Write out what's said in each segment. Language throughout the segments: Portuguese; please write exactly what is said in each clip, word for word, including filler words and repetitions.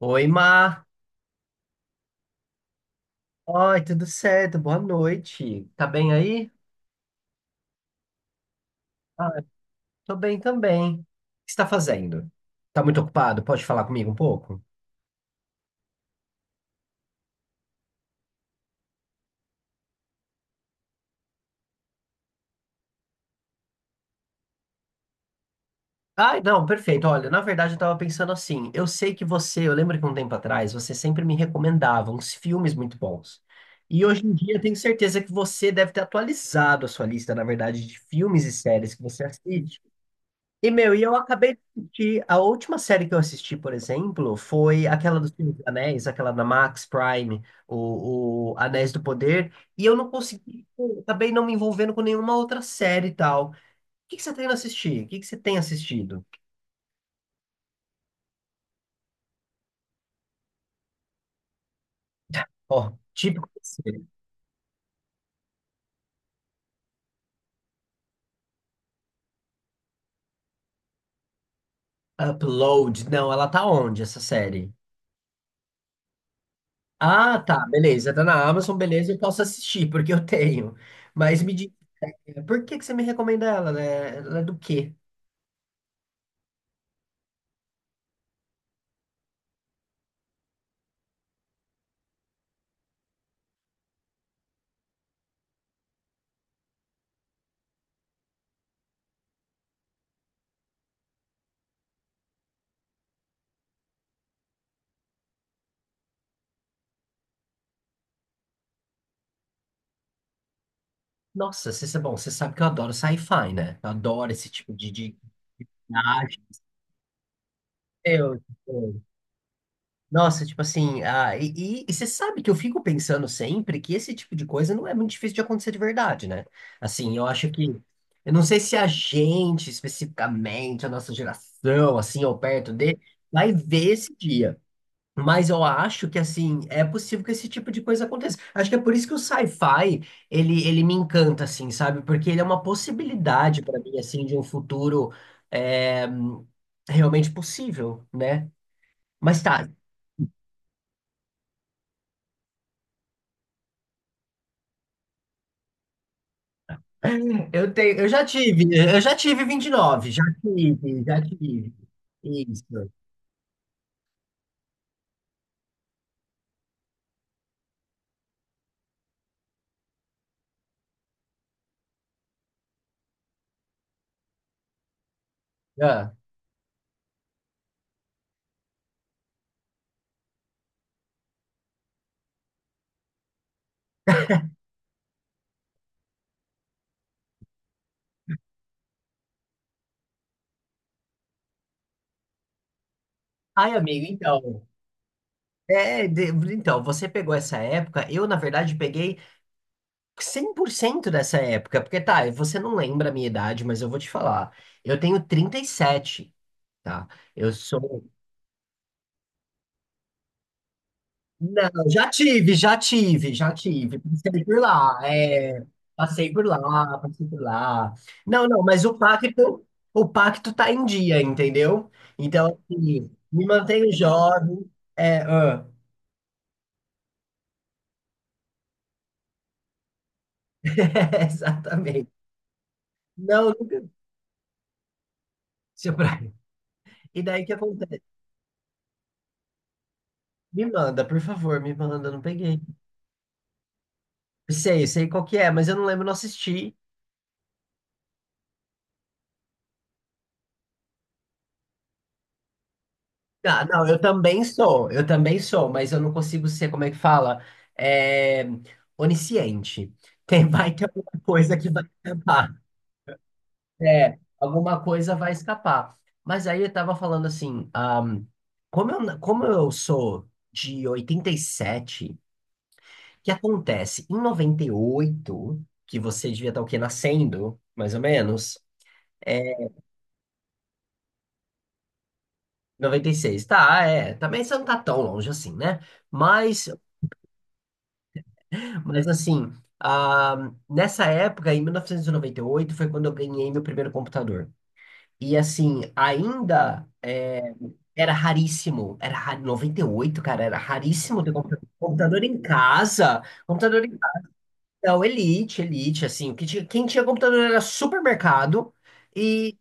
Oi, Mar. Oi, tudo certo? Boa noite. Tá bem aí? Ah, tô bem também. O que você tá fazendo? Tá muito ocupado? Pode falar comigo um pouco? Ai, não, perfeito. Olha, na verdade eu tava pensando assim. Eu sei que você, eu lembro que um tempo atrás, você sempre me recomendava uns filmes muito bons. E hoje em dia eu tenho certeza que você deve ter atualizado a sua lista, na verdade, de filmes e séries que você assiste. E, meu, e eu acabei de assistir. A última série que eu assisti, por exemplo, foi aquela dos Filhos dos Anéis, aquela da Max Prime, o, o Anéis do Poder, e eu não consegui, eu acabei não me envolvendo com nenhuma outra série e tal. O que que você tá indo assistir? O que que você tem assistido? Ó, típico você. Upload. Não, ela tá onde, essa série? Ah, tá, beleza. Tá na Amazon, beleza, eu posso assistir, porque eu tenho. Mas me diga, por que que você me recomenda ela, né? Ela é do quê? Nossa, você, bom, você sabe que eu adoro sci-fi, né? Eu adoro esse tipo de, de... Ah, eu, eu- Nossa, tipo assim, ah, e, e- e você sabe que eu fico pensando sempre que esse tipo de coisa não é muito difícil de acontecer de verdade, né? Assim, eu acho que, eu não sei se a gente, especificamente, a nossa geração, assim, ou perto de, vai ver esse dia. Mas eu acho que, assim, é possível que esse tipo de coisa aconteça. Acho que é por isso que o sci-fi, ele, ele me encanta, assim, sabe? Porque ele é uma possibilidade para mim, assim, de um futuro é, realmente possível, né? Mas tá, eu tenho, eu já tive, eu já tive vinte e nove, já tive, já tive. Isso. Ah. Ai, amigo, então... É, de- então, você pegou essa época, eu, na verdade, peguei cem por cento dessa época, porque tá, você não lembra a minha idade, mas eu vou te falar. Eu tenho trinta e sete, tá? Eu sou. Não, já tive, já tive, já tive. Passei por lá, é. Passei por lá, passei por lá. Não, não, mas o pacto, o pacto tá em dia, entendeu? Então, assim, me mantenho jovem. É, ah, exatamente. Não, nunca. Seu Brian. E daí o que acontece? Me manda, por favor, me manda, não peguei. Sei, sei qual que é, mas eu não lembro, não assisti. Ah, não, eu também sou, eu também sou, mas eu não consigo ser, como é que fala? É, onisciente. Tem, vai ter alguma coisa que vai escapar. É, alguma coisa vai escapar. Mas aí eu tava falando assim, ahm, como eu, como eu sou de oitenta e sete, o que acontece? Em noventa e oito que você devia estar o quê? Nascendo, mais ou menos. é, Noventa e seis, tá? É. Também você não tá tão longe assim, né? Mas, mas assim, ah, nessa época, em mil novecentos e noventa e oito foi quando eu ganhei meu primeiro computador. E assim, ainda é, era raríssimo. Era ra- noventa e oito, cara, era raríssimo ter computa- computador em casa. Computador em casa. Não, Elite, Elite, assim. o que tinha- Quem tinha computador era supermercado e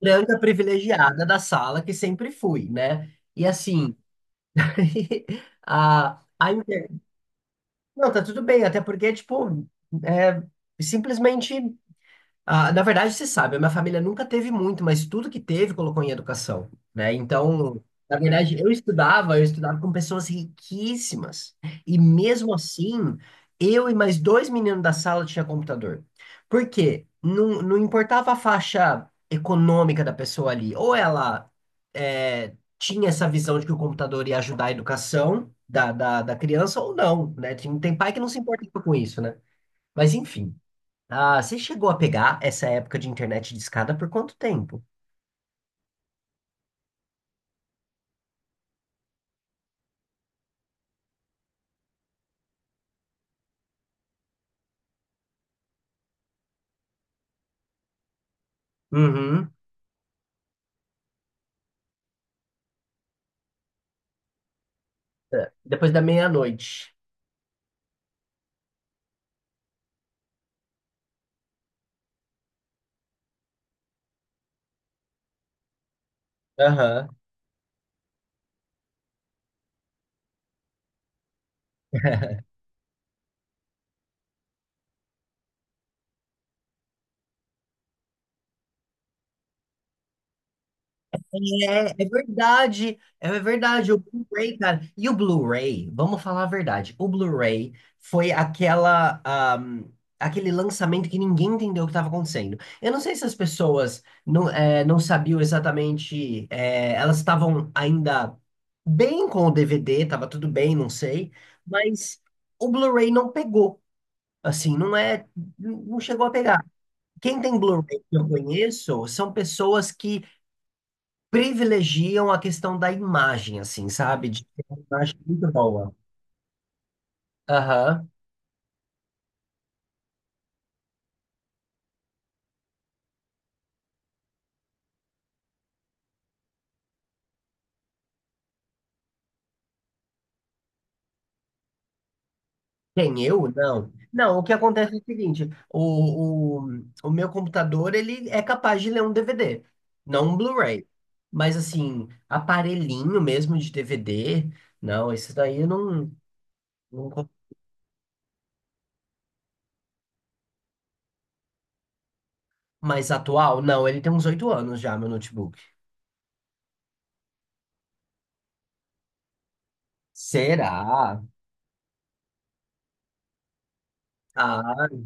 branca privilegiada da sala, que sempre fui, né? E assim. A, a inter- Não, tá tudo bem, até porque, tipo, é simplesmente. Ah, na verdade, você sabe, a minha família nunca teve muito, mas tudo que teve colocou em educação, né? Então, na verdade, eu estudava, eu estudava com pessoas riquíssimas. E mesmo assim, eu e mais dois meninos da sala tinha computador. Por quê? Não, não importava a faixa econômica da pessoa ali. Ou ela eh, tinha essa visão de que o computador ia ajudar a educação da, da, da criança, ou não, né? Tem, tem pai que não se importa com isso, né? Mas enfim. Ah, você chegou a pegar essa época de internet de escada por quanto tempo? Uhum. É, depois da meia-noite. Aham. É, é verdade, é verdade, o Blu-ray, cara. E o Blu-ray, vamos falar a verdade, o Blu-ray foi aquela, ahm, aquele lançamento que ninguém entendeu o que estava acontecendo. Eu não sei se as pessoas não, é, não sabiam exatamente, é, elas estavam ainda bem com o D V D, estava tudo bem, não sei, mas o Blu-ray não pegou, assim, não é, não chegou a pegar. Quem tem Blu-ray que eu conheço são pessoas que privilegiam a questão da imagem, assim, sabe? De ter uma imagem muito boa. Aham. Quem, eu? Não. Não, o que acontece é o seguinte, o, o, o meu computador, ele é capaz de ler um D V D, não um Blu-ray. Mas, assim, aparelhinho mesmo de D V D, não, esse daí eu não, não... co- Mais atual? Não, ele tem uns oito anos já, meu notebook. Será? Ah,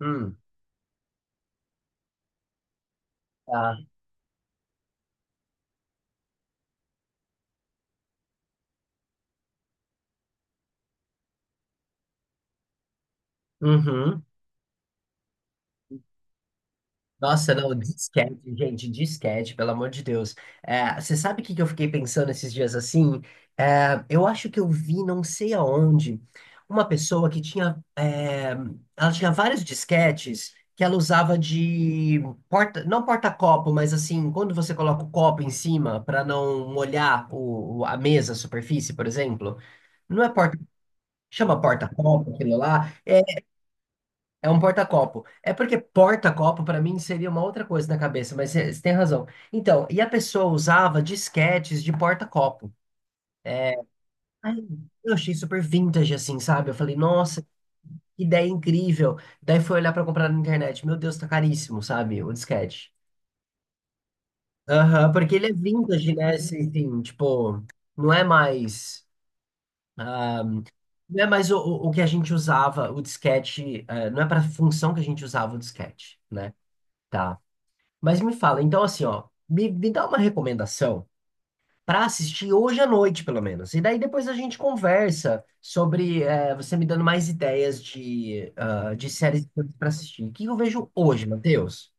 hum, tá. Uhum. Nossa, não, disquete, gente, disquete, pelo amor de Deus. É, você sabe o que que eu fiquei pensando esses dias assim? É, eu acho que eu vi, não sei aonde, uma pessoa que tinha, é, ela tinha vários disquetes que ela usava de porta, não porta-copo, mas assim, quando você coloca o copo em cima para não molhar o, o- a mesa, a superfície, por exemplo, não é porta, chama porta-copo, aquilo lá. É um porta-copo. É porque porta-copo para mim seria uma outra coisa na cabeça, mas você tem razão. Então, e a pessoa usava disquetes de porta-copo. Ai, Eu achei super vintage assim, sabe? Eu falei, nossa, que ideia incrível. Daí fui olhar para comprar na internet. Meu Deus, tá caríssimo, sabe? O disquete. Aham, porque ele é vintage, né? Assim, assim, tipo, não é mais ah, não é mais o, o o que a gente usava, o disquete, eh, não é para função que a gente usava o disquete, né? Tá. Mas me fala, então assim, ó, me, me dá uma recomendação para assistir hoje à noite, pelo menos. E daí depois a gente conversa sobre eh, você me dando mais ideias de, ah, de séries para assistir. O que eu vejo hoje, Matheus?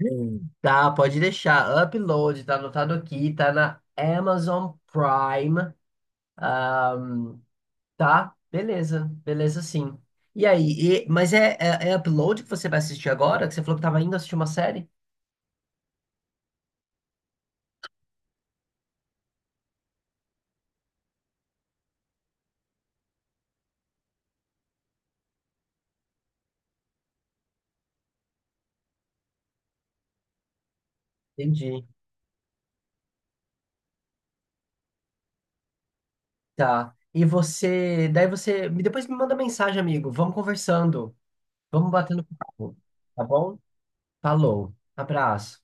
Hum. Tá, pode deixar. Upload, tá anotado aqui, tá na Amazon Prime, tá? Beleza, beleza sim. E aí, e- mas é, é, é Upload que você vai assistir agora? Que você falou que tava indo assistir uma série? Entendi. Tá. E você, daí você, me- depois me manda mensagem, amigo. Vamos conversando. Vamos batendo papo. Tá bom? Falou. Abraço.